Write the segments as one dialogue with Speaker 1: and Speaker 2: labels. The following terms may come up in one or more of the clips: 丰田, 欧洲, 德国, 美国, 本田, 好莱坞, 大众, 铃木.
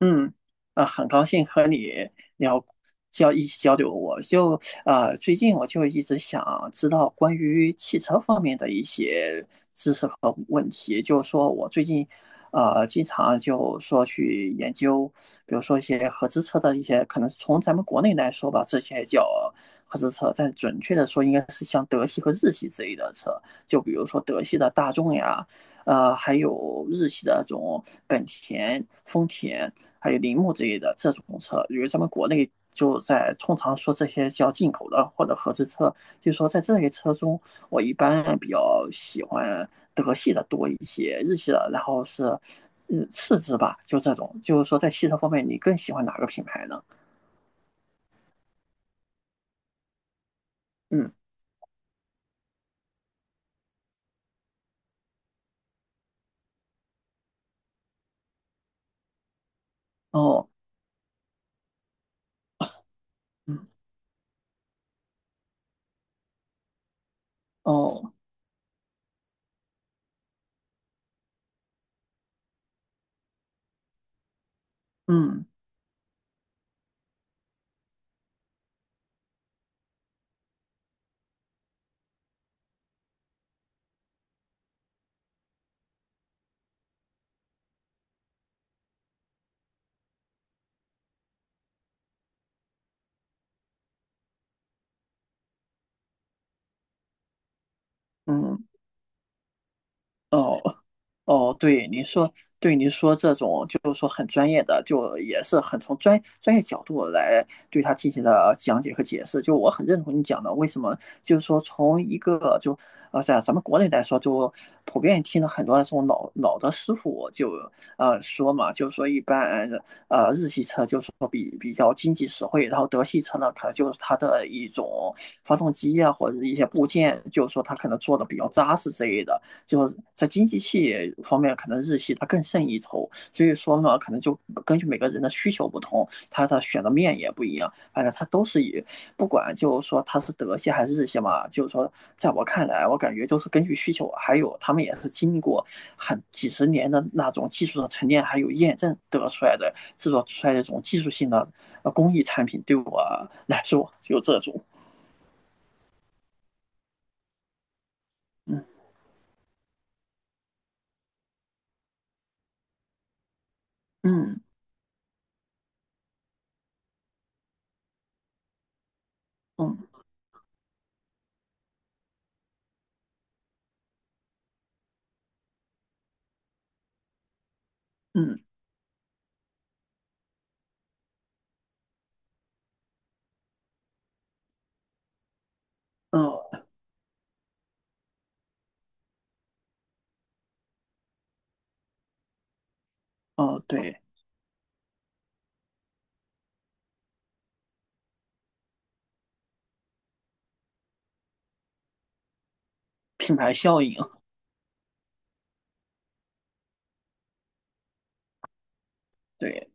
Speaker 1: 嗯，啊，很高兴和你聊交一起交流。我就最近我就一直想知道关于汽车方面的一些知识和问题。就是说我最近经常就说去研究，比如说一些合资车的一些，可能从咱们国内来说吧，这些叫合资车，但准确的说应该是像德系和日系之类的车，就比如说德系的大众呀，还有日系的这种本田、丰田。还有铃木之类的这种车，因为咱们国内就在通常说这些叫进口的或者合资车，就是说在这些车中，我一般比较喜欢德系的多一些，日系的，然后是嗯次之吧，就这种，就是说在汽车方面，你更喜欢哪个品牌呢？嗯。哦。嗯。哦。嗯。嗯。哦。哦，对，您说，对您说这种就是说很专业的，就也是很从专业角度来对它进行了讲解和解释。就我很认同你讲的，为什么就是说从一个就在咱们国内来说，就普遍听了很多这种老的师傅就说嘛，就是说一般日系车就是说比较经济实惠，然后德系车呢可能就是它的一种发动机啊或者一些部件，就是说它可能做的比较扎实之类的。就是在经济系方面，可能日系它更胜一筹。所以说呢，可能就根据每个人的需求不同，它的选的面也不一样。反正它都是以，不管就是说它是德系还是日系嘛，就是说，在我看来，我感觉就是根据需求，还有他们也是经历过很几十年的那种技术的沉淀，还有验证得出来的制作出来的这种技术性的工艺产品，对我 来说就这种，嗯。嗯。嗯。嗯。嗯。哦、对，品牌效应。对，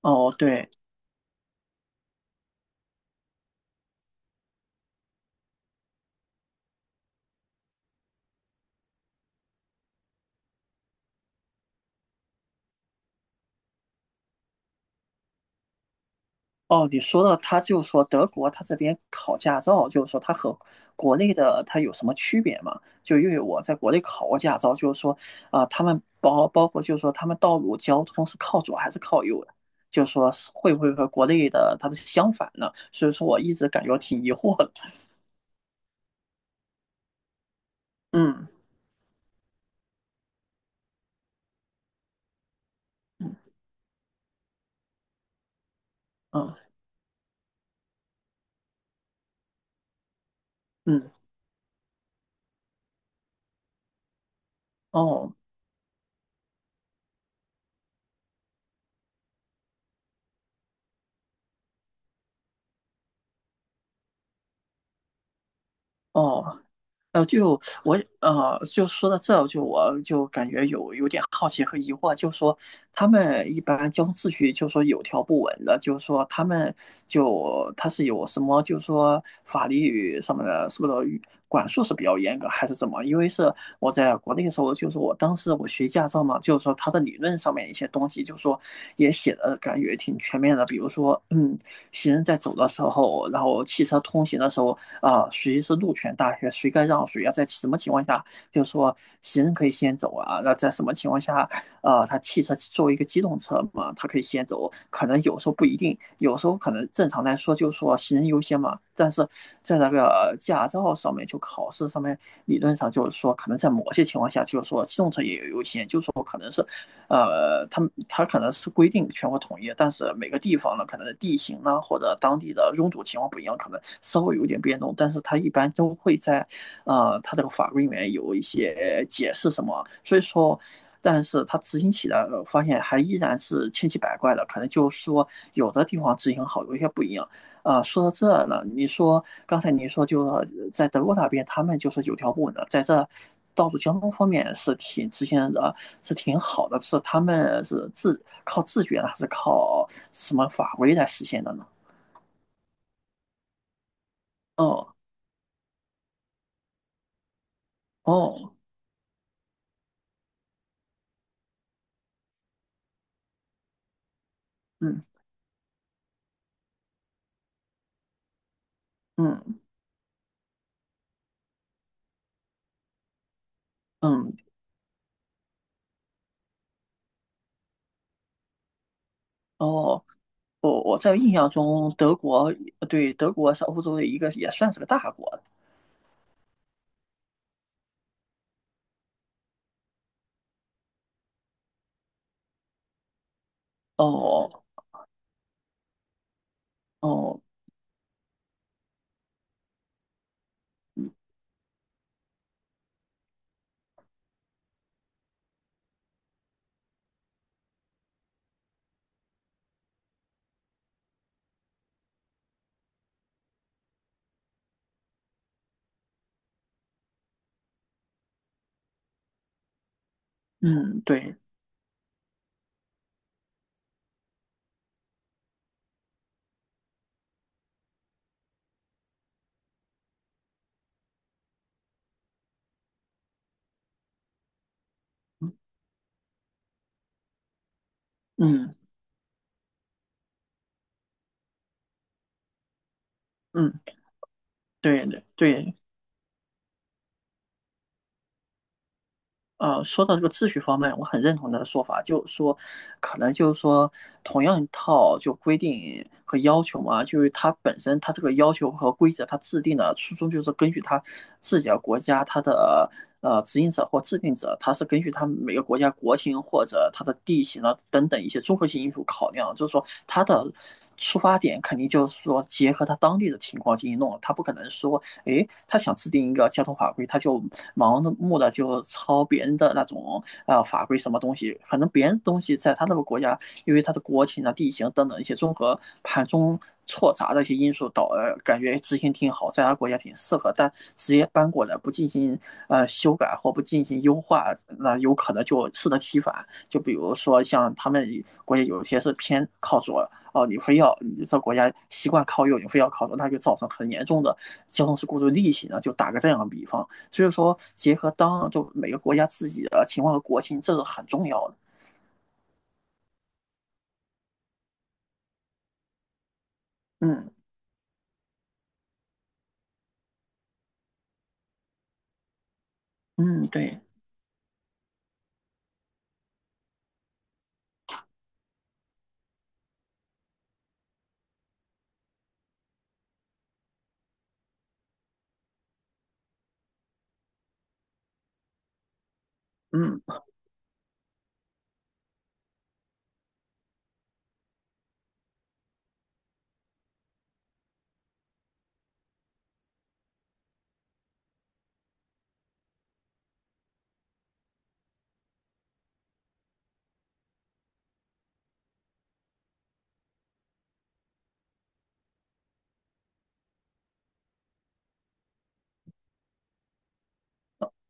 Speaker 1: 哦，对。哦，你说到他就说德国他这边考驾照，就是说他和国内的他有什么区别嘛？就因为我在国内考过驾照，就是说啊、他们包括就是说他们道路交通是靠左还是靠右的，就是说是会不会和国内的它是相反呢？所以说我一直感觉挺疑惑的。嗯。嗯。嗯。嗯。哦。哦。就说到这儿就我就感觉有点好奇和疑惑，就说他们一般交通秩序，就说有条不紊的，就是说他们就他是有什么，就是说法律什么的，是不是管束是比较严格，还是怎么？因为是我在国内的时候，就是我当时我学驾照嘛，就是说他的理论上面一些东西，就是说也写的感觉挺全面的，比如说嗯，行人在走的时候，然后汽车通行的时候。啊，谁是路权大学，谁该让谁啊，在什么情况下，就是说行人可以先走啊，那在什么情况下，啊，他汽车作为一个机动车嘛，它可以先走，可能有时候不一定，有时候可能正常来说就是说行人优先嘛，但是在那个驾照上面就考试上面理论上就是说，可能在某些情况下就是说机动车也有优先，就是说可能是它它可能是规定全国统一，但是每个地方呢，可能地形呢或者当地的拥堵情况不一样，可能稍微有点变动，但是它一般都会在，它这个法规里面有一些解释什么，所以说。但是它执行起来，发现还依然是千奇百怪的，可能就是说有的地方执行好，有些不一样。啊，说到这呢，你说刚才你说就在德国那边，他们就是有条不紊的，在这道路交通方面是挺之前的，是挺好的，是他们是自靠自觉呢，还是靠什么法规来实现的呢？哦。哦。嗯。嗯。嗯。哦。我在印象中，德国对德国是欧洲的一个，也算是个大国。哦。哦，嗯，对，嗯。嗯，对对对，说到这个秩序方面，我很认同他的说法，就是说，可能就是说，同样一套就规定和要求嘛，就是它本身它这个要求和规则，它制定的初衷就是根据它自己的国家它的执行者或制定者，它是根据他们每个国家国情或者它的地形啊等等一些综合性因素考量，就是说它的出发点肯定就是说结合它当地的情况进行弄，它不可能说诶，他想制定一个交通法规，他就盲目的就抄别人的那种法规什么东西，可能别人东西在他那个国家，因为他的国情啊、地形等等一些综合盘中错杂的一些因素，感觉执行挺好，在他国家挺适合，但直接搬过来不进行修改或不进行优化，那有可能就适得其反。就比如说像他们国家有些是偏靠左。哦，你非要你这国家习惯靠右，你非要靠左，那就造成很严重的交通事故的利息呢，就打个这样的比方。所以说，结合当就每个国家自己的情况和国情，这是很重要的。嗯。嗯，对。嗯。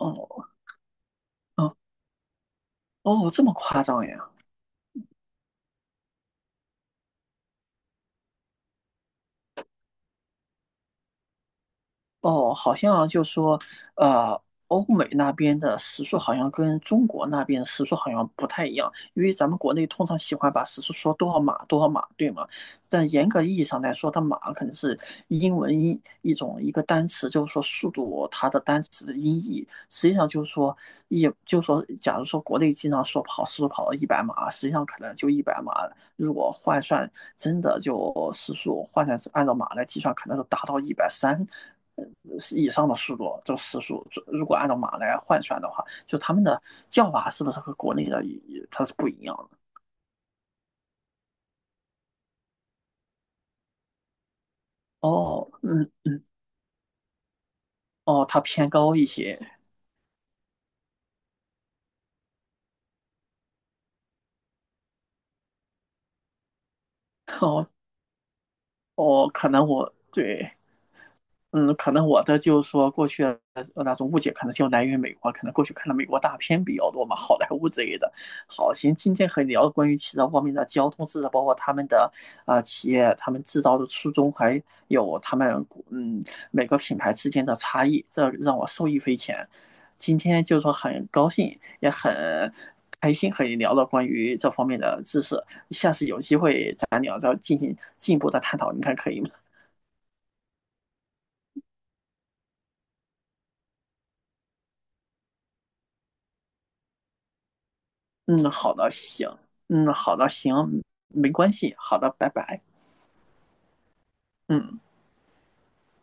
Speaker 1: 哦。哦。哦，这么夸张呀？哦，好像就说，呃，欧美那边的时速好像跟中国那边的时速好像不太一样，因为咱们国内通常喜欢把时速说多少码多少码，对吗？但严格意义上来说，它码可能是英文一种一个单词，就是说速度它的单词的音译。实际上就是说，也就是说，假如说国内经常说跑时速跑到一百码，实际上可能就一百码，如果换算真的就时速换算是按照马来计算，可能是达到130以上的速度，这个时速如果按照马来换算的话，就他们的叫法是不是和国内的它是不一样的？哦，嗯，哦，它偏高一些。哦。哦，可能我对嗯，可能我的就是说过去的那种误解，可能就来源于美国，可能过去看的美国大片比较多嘛，好莱坞之类的。好，行，今天和你聊关于汽车方面的交通知识，包括他们的啊、企业、他们制造的初衷，还有他们嗯每个品牌之间的差异，这让我受益匪浅。今天就是说很高兴，也很开心和你聊了关于这方面的知识。下次有机会咱俩再进行进一步的探讨，你看可以吗？嗯，好的，行，嗯，好的，行，没关系，好的，拜拜，嗯。